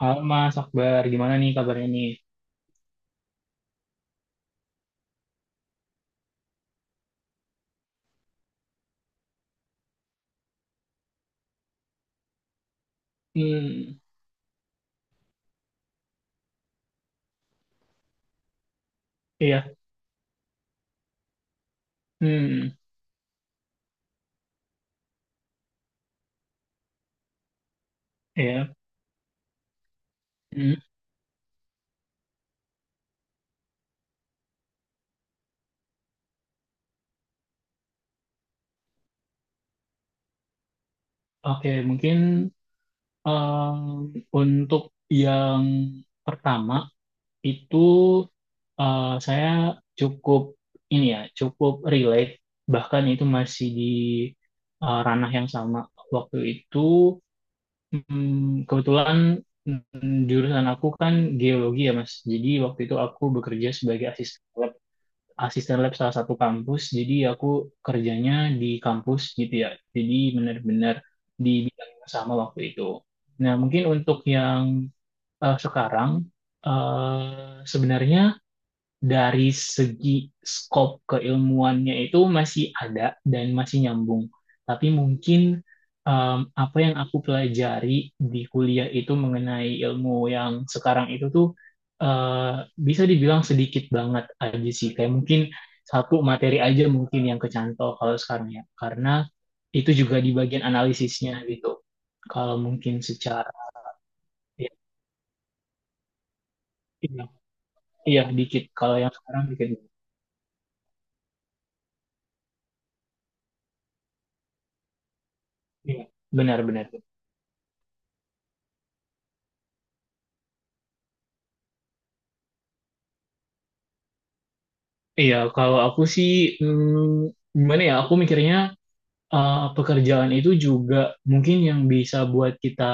Halo Mas Akbar, gimana nih kabarnya nih? Hmm, iya, hmm, iya, hmm. Oke, mungkin untuk yang pertama itu saya cukup ini ya, cukup relate, bahkan itu masih di ranah yang sama. Waktu itu kebetulan jurusan aku kan geologi ya Mas, jadi waktu itu aku bekerja sebagai asisten lab salah satu kampus. Jadi aku kerjanya di kampus gitu ya. Jadi benar-benar di bidang yang sama waktu itu. Nah, mungkin untuk yang sekarang sebenarnya dari segi skop keilmuannya itu masih ada dan masih nyambung. Tapi mungkin apa yang aku pelajari di kuliah itu mengenai ilmu yang sekarang itu tuh eh, bisa dibilang sedikit banget aja sih. Kayak mungkin satu materi aja mungkin yang kecantol kalau sekarang ya. Karena itu juga di bagian analisisnya gitu. Kalau mungkin secara ya, iya, iya, dikit. Kalau yang sekarang dikit. Iya, benar-benar. Iya, kalau aku sih gimana ya? Aku mikirnya pekerjaan itu juga mungkin yang bisa buat kita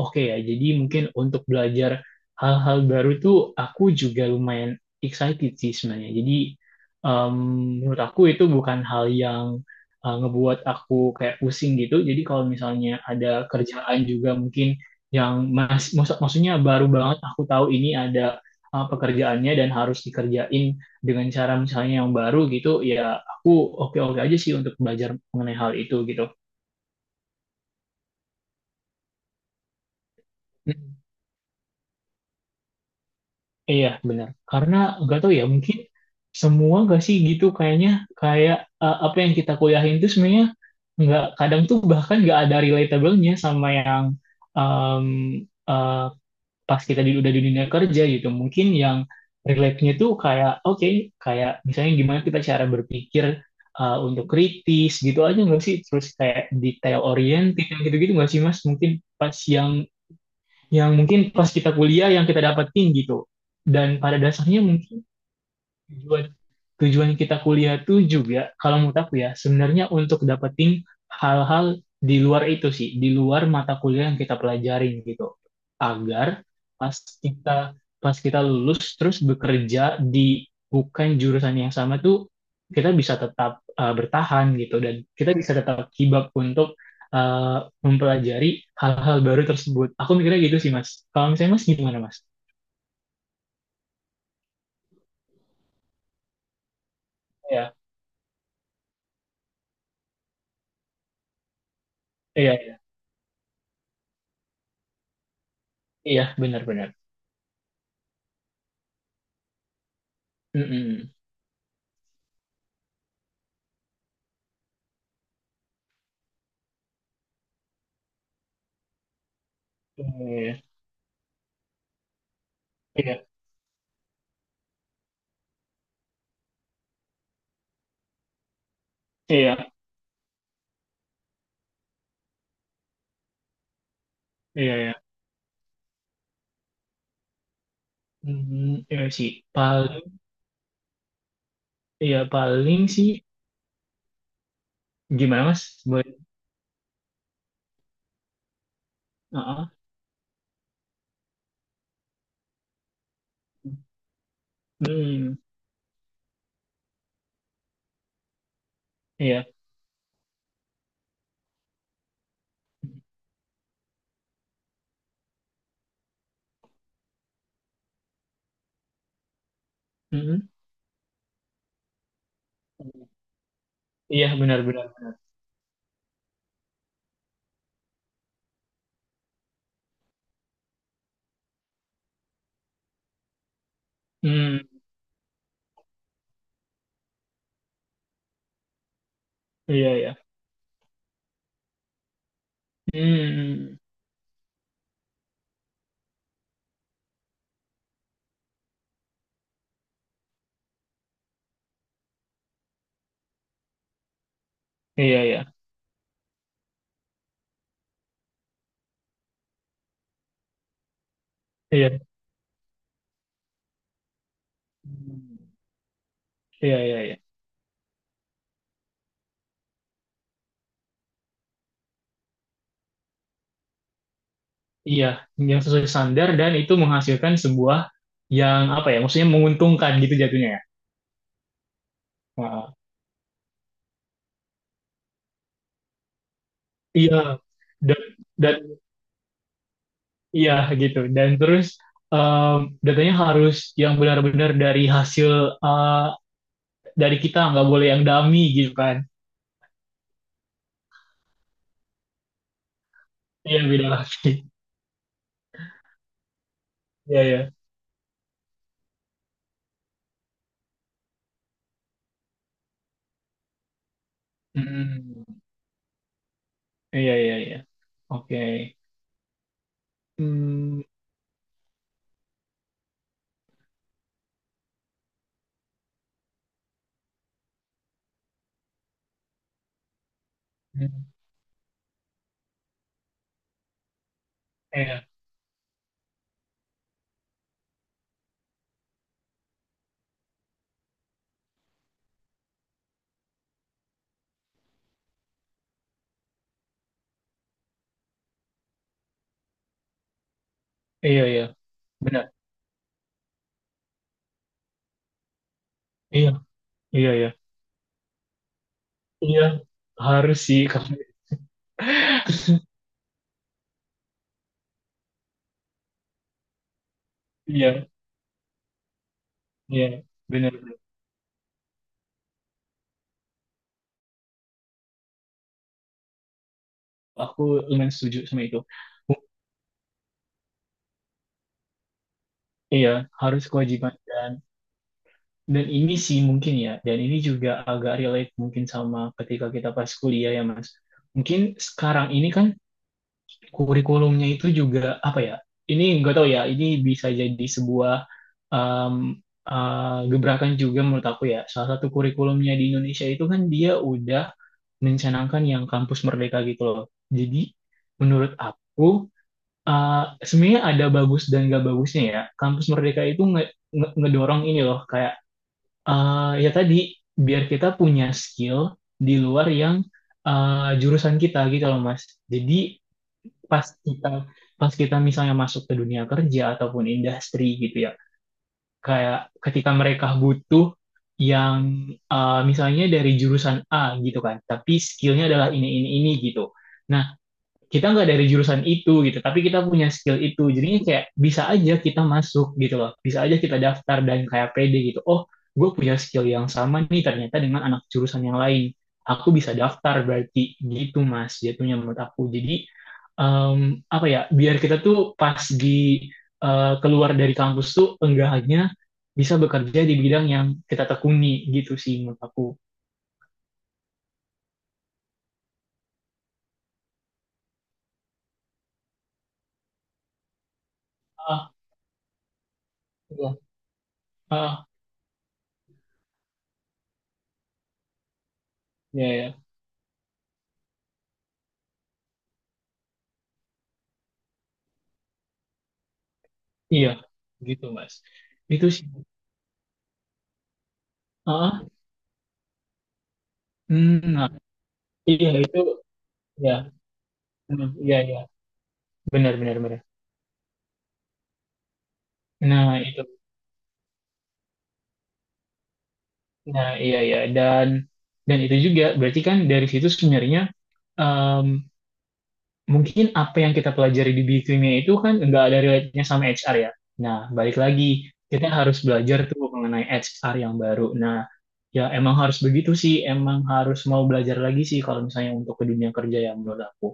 oke ya. Jadi mungkin untuk belajar hal-hal baru tuh aku juga lumayan excited sih sebenarnya. Jadi um, menurut aku itu bukan hal yang ngebuat aku kayak pusing gitu. Jadi kalau misalnya ada kerjaan juga mungkin yang mas, maksudnya baru banget aku tahu ini ada pekerjaannya dan harus dikerjain dengan cara misalnya yang baru gitu ya aku oke-oke aja sih untuk belajar mengenai hal itu gitu. Hmm. Iya, benar. Karena nggak tahu ya, mungkin semua nggak sih gitu kayaknya kayak apa yang kita kuliahin itu sebenarnya nggak kadang tuh bahkan nggak ada relatable-nya sama yang em, eh, pas kita udah di dunia kerja gitu mungkin yang relate-nya tuh kayak oke kayak misalnya gimana kita cara berpikir untuk kritis gitu aja nggak sih terus kayak detail oriented yang gitu-gitu nggak sih Mas mungkin pas yang mungkin pas kita kuliah yang kita dapetin gitu dan pada dasarnya mungkin tujuan tujuan kita kuliah tuh juga kalau menurut aku ya sebenarnya untuk dapetin hal-hal di luar itu sih di luar mata kuliah yang kita pelajarin gitu agar pas kita pas kita lulus terus bekerja di bukan jurusan yang sama tuh kita bisa tetap bertahan gitu dan kita bisa tetap kibap untuk eh, mempelajari hal-hal baru tersebut aku mikirnya gitu sih mas kalau misalnya mas gimana mas. Iya, iya, iya, iya, benar-benar. Iya, iya, iya, iya, iya. Hmm, iya sih. Paling, iya paling sih gimana Mas? Buat, heeh. Hmm, iya. Hmm. Iya, benar-benar. Hmm, iya, iya. Hmm, iya, iya, iya. Hmm, iya, iya, iya. Iya, yang sesuai standar dan itu menghasilkan sebuah yang apa ya? Maksudnya menguntungkan gitu jatuhnya ya. Heeh. Iya. Dan dan iya gitu. Dan terus um, datanya harus yang benar-benar dari hasil uh, dari kita, nggak boleh yang dummy gitu kan. Iya beda lagi. Iya iya. Mm. Iya iya iya. Oke. Hmm. Iya iya iya. Benar. Iya iya iya. Iya harus sih. Iya iya. Benar. Aku lumayan setuju sama itu. Iya harus kewajiban dan ini sih mungkin ya, dan ini juga agak relate mungkin sama ketika kita pas kuliah ya Mas. Mungkin sekarang ini kan kurikulumnya itu juga apa ya? Ini nggak tahu ya, ini bisa jadi sebuah um, gebrakan juga menurut aku ya. Salah satu kurikulumnya di Indonesia itu kan dia udah mencanangkan yang kampus merdeka gitu loh. Jadi menurut aku sebenarnya ada bagus dan gak bagusnya ya. Kampus merdeka itu ngedorong ini loh kayak ya tadi biar kita punya skill di luar yang jurusan kita gitu loh Mas. Jadi pas kita pas kita misalnya masuk ke dunia kerja ataupun industri gitu ya, kayak ketika mereka butuh yang misalnya dari jurusan A gitu kan, tapi skillnya adalah ini gitu. Nah, kita nggak dari jurusan itu gitu, tapi kita punya skill itu. Jadinya kayak bisa aja kita masuk gitu loh. Bisa aja kita daftar dan kayak pede gitu. Oh, gue punya skill yang sama nih ternyata dengan anak jurusan yang lain. Aku bisa daftar berarti gitu mas jatuhnya menurut aku. Jadi apa ya biar kita tuh pas di keluar dari kampus tuh enggak hanya bisa bekerja di bidang yang kita tekuni gitu sih menurut aku. Ah, iya. Ah, ya ya iya, gitu mas. Itu sih. Ah, hmm, nah, iya itu ya, hmm, iya iya, benar benar benar. Nah itu, nah iya iya dan itu juga berarti kan dari situ sebenarnya em, mungkin apa yang kita pelajari di bikinnya itu kan nggak ada relate-nya sama HR ya. Nah balik lagi kita harus belajar tuh mengenai HR yang baru. Nah ya emang harus begitu sih, emang harus mau belajar lagi sih kalau misalnya untuk ke dunia kerja yang menurut aku.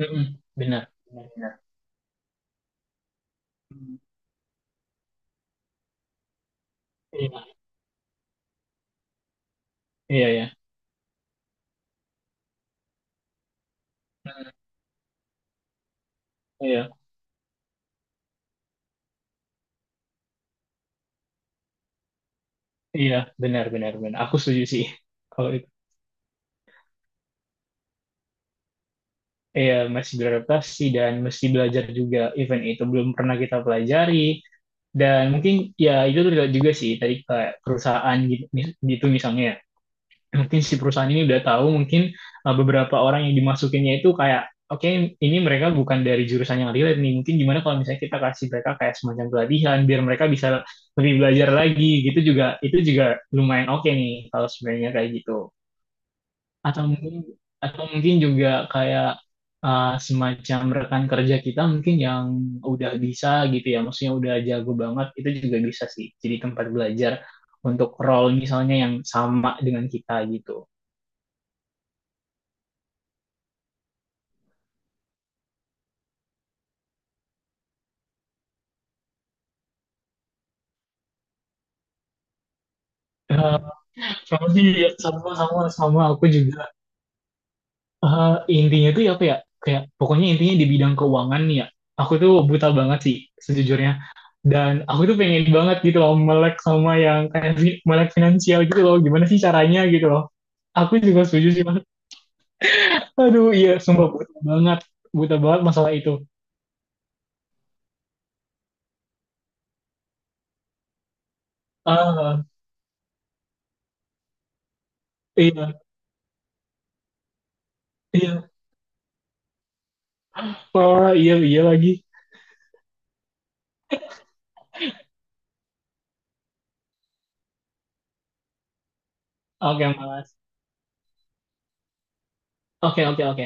Mm-mm, benar benar benar. Hmm, iya iya iya. Iya. Iya, benar, benar, benar. Aku setuju sih. Kalau itu, iya, masih beradaptasi dan mesti belajar juga. Event itu belum pernah kita pelajari. Dan mungkin, ya, itu relate juga sih. Tadi kayak perusahaan gitu, gitu misalnya. Ya. Mungkin si perusahaan ini udah tahu, mungkin beberapa orang yang dimasukinnya itu kayak, oke, ini mereka bukan dari jurusan yang relate nih. Mungkin gimana kalau misalnya kita kasih mereka kayak semacam pelatihan, biar mereka bisa lebih belajar lagi. Gitu juga, itu juga lumayan oke nih, kalau sebenarnya kayak gitu. atau mungkin atau mungkin juga kayak semacam rekan kerja kita mungkin yang udah bisa gitu ya maksudnya udah jago banget itu juga bisa sih jadi tempat belajar untuk role misalnya yang sama dengan kita gitu. Eh, sama sih ya, sama sama sama aku juga. Eh, intinya tuh ya apa ya kayak pokoknya intinya di bidang keuangan nih ya aku tuh buta banget sih sejujurnya dan aku tuh pengen banget gitu loh melek sama yang kayak melek finansial gitu loh gimana sih caranya gitu loh aku juga setuju sih Mas. Aduh iya sumpah buta banget masalah itu. Ah iya iya oh iya iya lagi oke Mas oke oke oke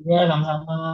iya sama-sama.